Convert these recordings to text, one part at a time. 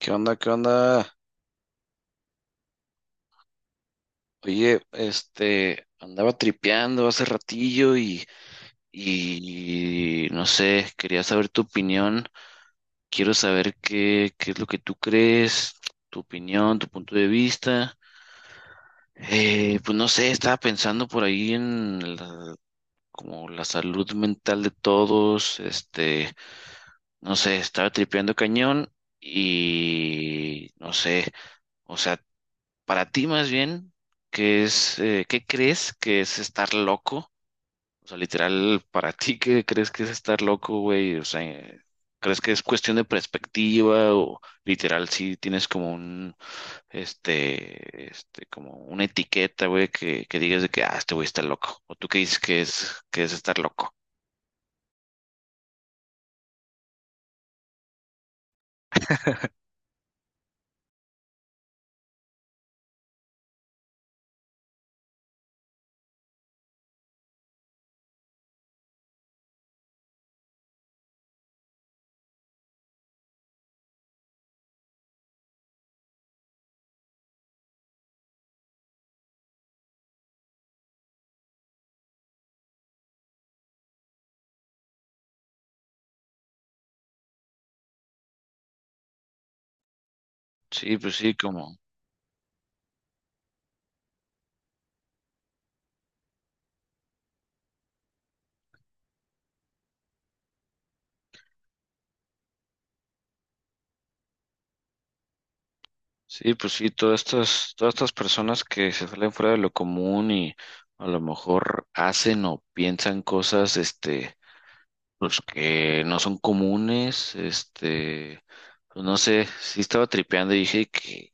¿Qué onda? ¿Qué onda? Oye, andaba tripeando hace ratillo y no sé, quería saber tu opinión. Quiero saber qué es lo que tú crees, tu opinión, tu punto de vista. Pues no sé, estaba pensando por ahí en como la salud mental de todos. No sé, estaba tripeando cañón y no sé. O sea, para ti más bien, ¿qué es, qué crees que es estar loco? O sea, literal, para ti, ¿qué crees que es estar loco, güey? O sea, ¿crees que es cuestión de perspectiva o literal si tienes como un, como una etiqueta, güey, que digas de que, ah, este güey está loco? ¿O tú qué dices que que es estar loco? Sí, pues sí, como... Sí, pues sí, todas estas personas que se salen fuera de lo común y a lo mejor hacen o piensan cosas, pues que no son comunes, pues no sé, sí estaba tripeando y dije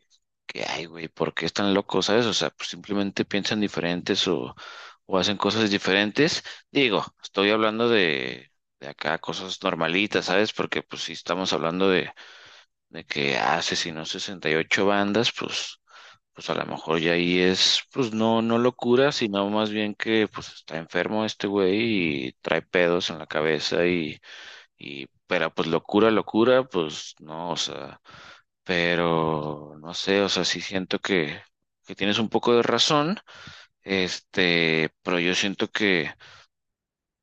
que ay, güey, ¿por qué están locos, sabes? O sea, pues simplemente piensan diferentes o hacen cosas diferentes. Digo, estoy hablando de acá cosas normalitas, ¿sabes? Porque pues si estamos hablando de que ah, asesinó 68 bandas, pues a lo mejor ya ahí es, pues no, no locura, sino más bien que pues está enfermo este güey y trae pedos en la cabeza y pero pues locura, locura, pues no, o sea, pero no sé, o sea, sí siento que tienes un poco de razón, pero yo siento que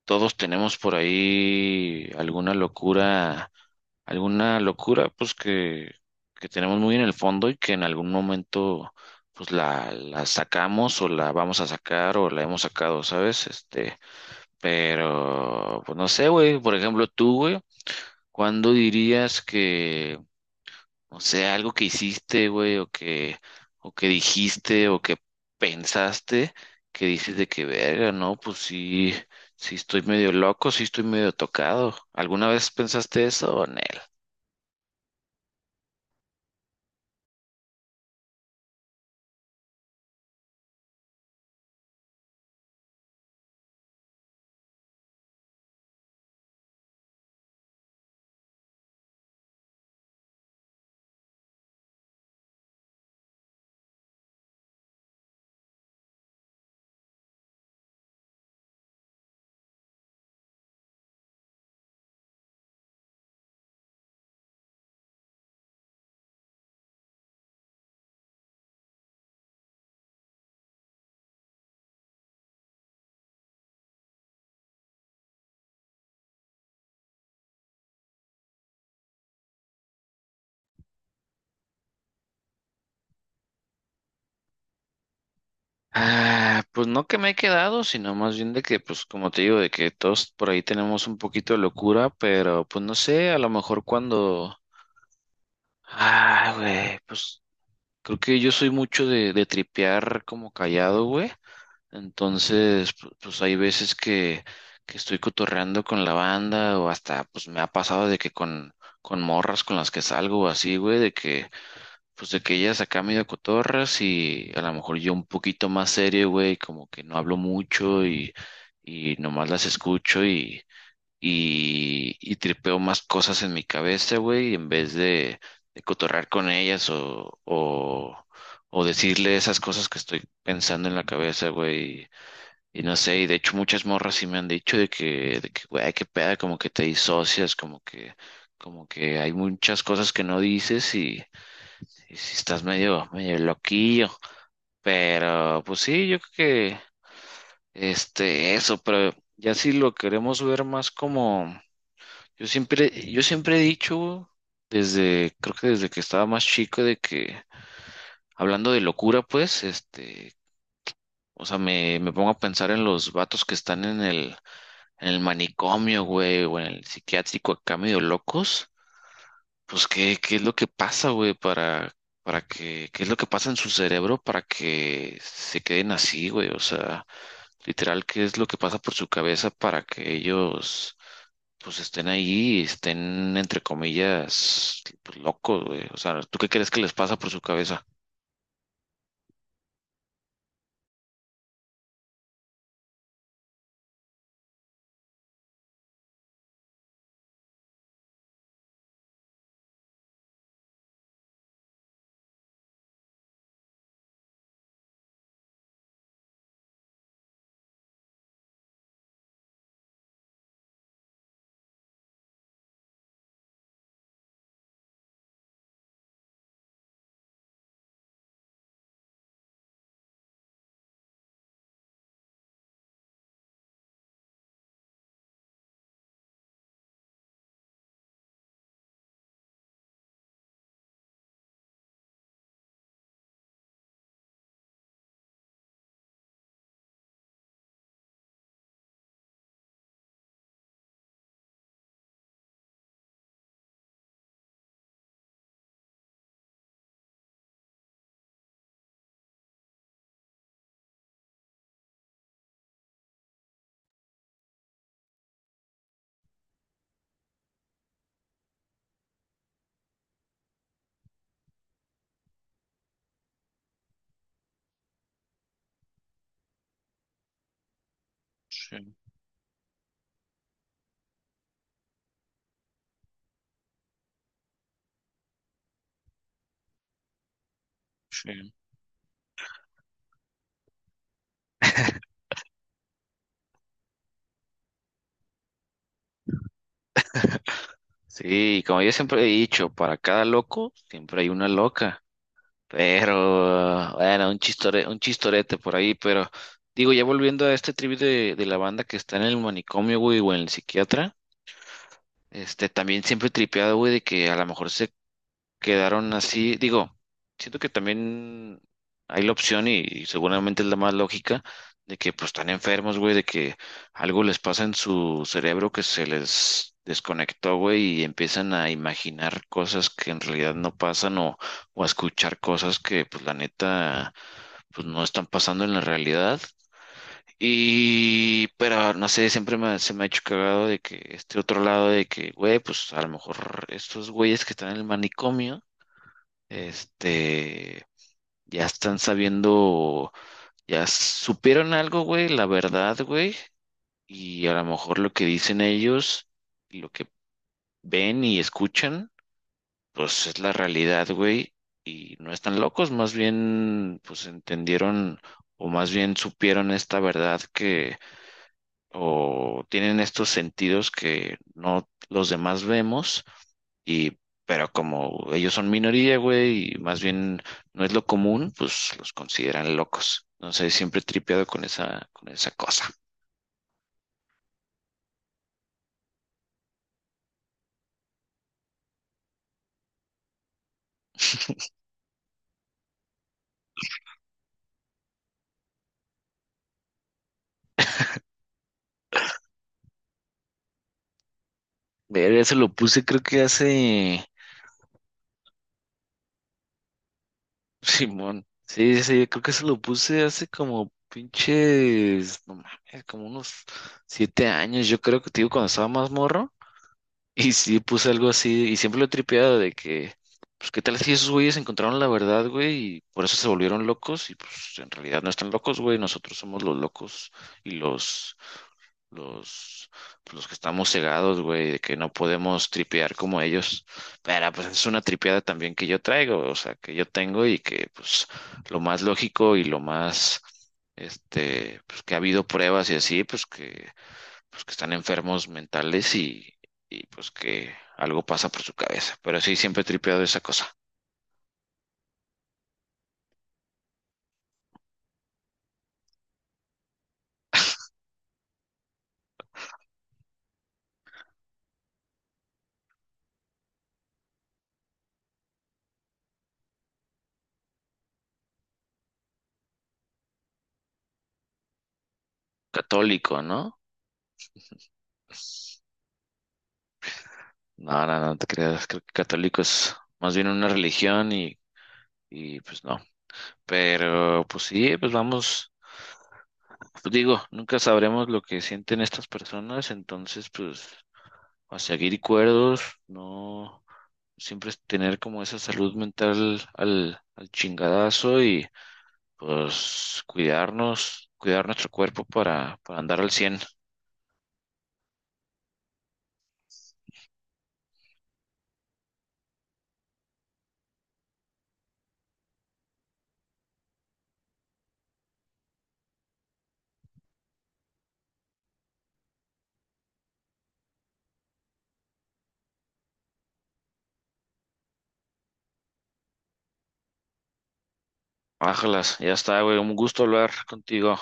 todos tenemos por ahí alguna locura pues que tenemos muy en el fondo y que en algún momento pues la sacamos o la vamos a sacar o la hemos sacado, ¿sabes? Pero pues no sé, güey, por ejemplo, tú, güey, ¿cuándo dirías o sea, algo que hiciste, güey, o que dijiste o que pensaste que dices de que verga, ¿no? Pues sí. Sí estoy medio loco, sí estoy medio tocado. ¿Alguna vez pensaste eso o no? Ah, pues no que me he quedado, sino más bien de que, pues como te digo, de que todos por ahí tenemos un poquito de locura, pero pues no sé, a lo mejor cuando... Ah, güey, pues creo que yo soy mucho de tripear como callado, güey. Entonces, pues hay veces que estoy cotorreando con la banda o hasta, pues me ha pasado de que con morras con las que salgo o así, güey, de que... Pues de que ellas acá medio cotorras y a lo mejor yo un poquito más serio, güey, como que no hablo mucho y nomás las escucho y tripeo más cosas en mi cabeza, güey, en vez de cotorrar con ellas o decirle esas cosas que estoy pensando en la cabeza, güey. Y no sé, y de hecho muchas morras sí me han dicho güey, qué peda, como que te disocias, como que hay muchas cosas que no dices y si estás medio, medio loquillo. Pero, pues sí, yo creo que eso, pero ya si lo queremos ver más como, yo siempre he dicho, desde, creo que desde que estaba más chico, de que, hablando de locura, pues, o sea, me pongo a pensar en los vatos que están en en el manicomio, güey, o en el psiquiátrico acá medio locos. Pues, qué es lo que pasa, güey, para, qué es lo que pasa en su cerebro para que se queden así, güey? O sea, literal, ¿qué es lo que pasa por su cabeza para que ellos, pues, estén ahí y estén, entre comillas, pues, locos, güey? O sea, ¿tú qué crees que les pasa por su cabeza? Sí, sí. Sí, como yo siempre he dicho, para cada loco, siempre hay una loca. Pero, bueno, un chistore, un chistorete por ahí, pero digo, ya volviendo a este trip de la banda que está en el manicomio, güey, o en el psiquiatra, también siempre he tripeado, güey, de que a lo mejor se quedaron así. Digo, siento que también hay la opción y seguramente es la más lógica de que pues están enfermos, güey, de que algo les pasa en su cerebro que se les desconectó, güey, y empiezan a imaginar cosas que en realidad no pasan o a escuchar cosas que pues la neta pues no están pasando en la realidad. Y, pero no sé, siempre me, se me ha hecho cagado de que este otro lado de que, güey, pues a lo mejor estos güeyes que están en el manicomio este, ya están sabiendo, ya supieron algo, güey, la verdad, güey, y a lo mejor lo que dicen ellos, y lo que ven y escuchan, pues es la realidad, güey, y no están locos, más bien, pues entendieron, o más bien supieron esta verdad que, o tienen estos sentidos que no los demás vemos. Y, pero como ellos son minoría, güey, y más bien no es lo común, pues los consideran locos. No sé, siempre he tripeado con esa cosa. Ver, eso lo puse, creo que hace. Simón. Sí, sí, sí, creo que eso lo puse hace como pinches. No mames, como unos 7 años. Yo creo que, te digo, cuando estaba más morro. Y sí, puse algo así, y siempre lo he tripeado de que, pues, ¿qué tal si esos güeyes encontraron la verdad, güey? Y por eso se volvieron locos, y pues en realidad no están locos, güey, nosotros somos los locos y los, pues, los que estamos cegados, güey, de que no podemos tripear como ellos. Pero pues es una tripeada también que yo traigo, o sea, que yo tengo y que pues lo más lógico y lo más, pues que ha habido pruebas y así, pues que están enfermos mentales y pues que algo pasa por su cabeza. Pero sí, siempre he tripeado esa cosa. Católico, ¿no? No, no, no te creas, creo que católico es más bien una religión y pues no. Pero pues sí, pues vamos, pues digo, nunca sabremos lo que sienten estas personas, entonces pues a seguir cuerdos, no, siempre es tener como esa salud mental al chingadazo y pues cuidarnos, cuidar nuestro cuerpo para andar al 100. Ájalas, ya está, güey. Un gusto hablar contigo.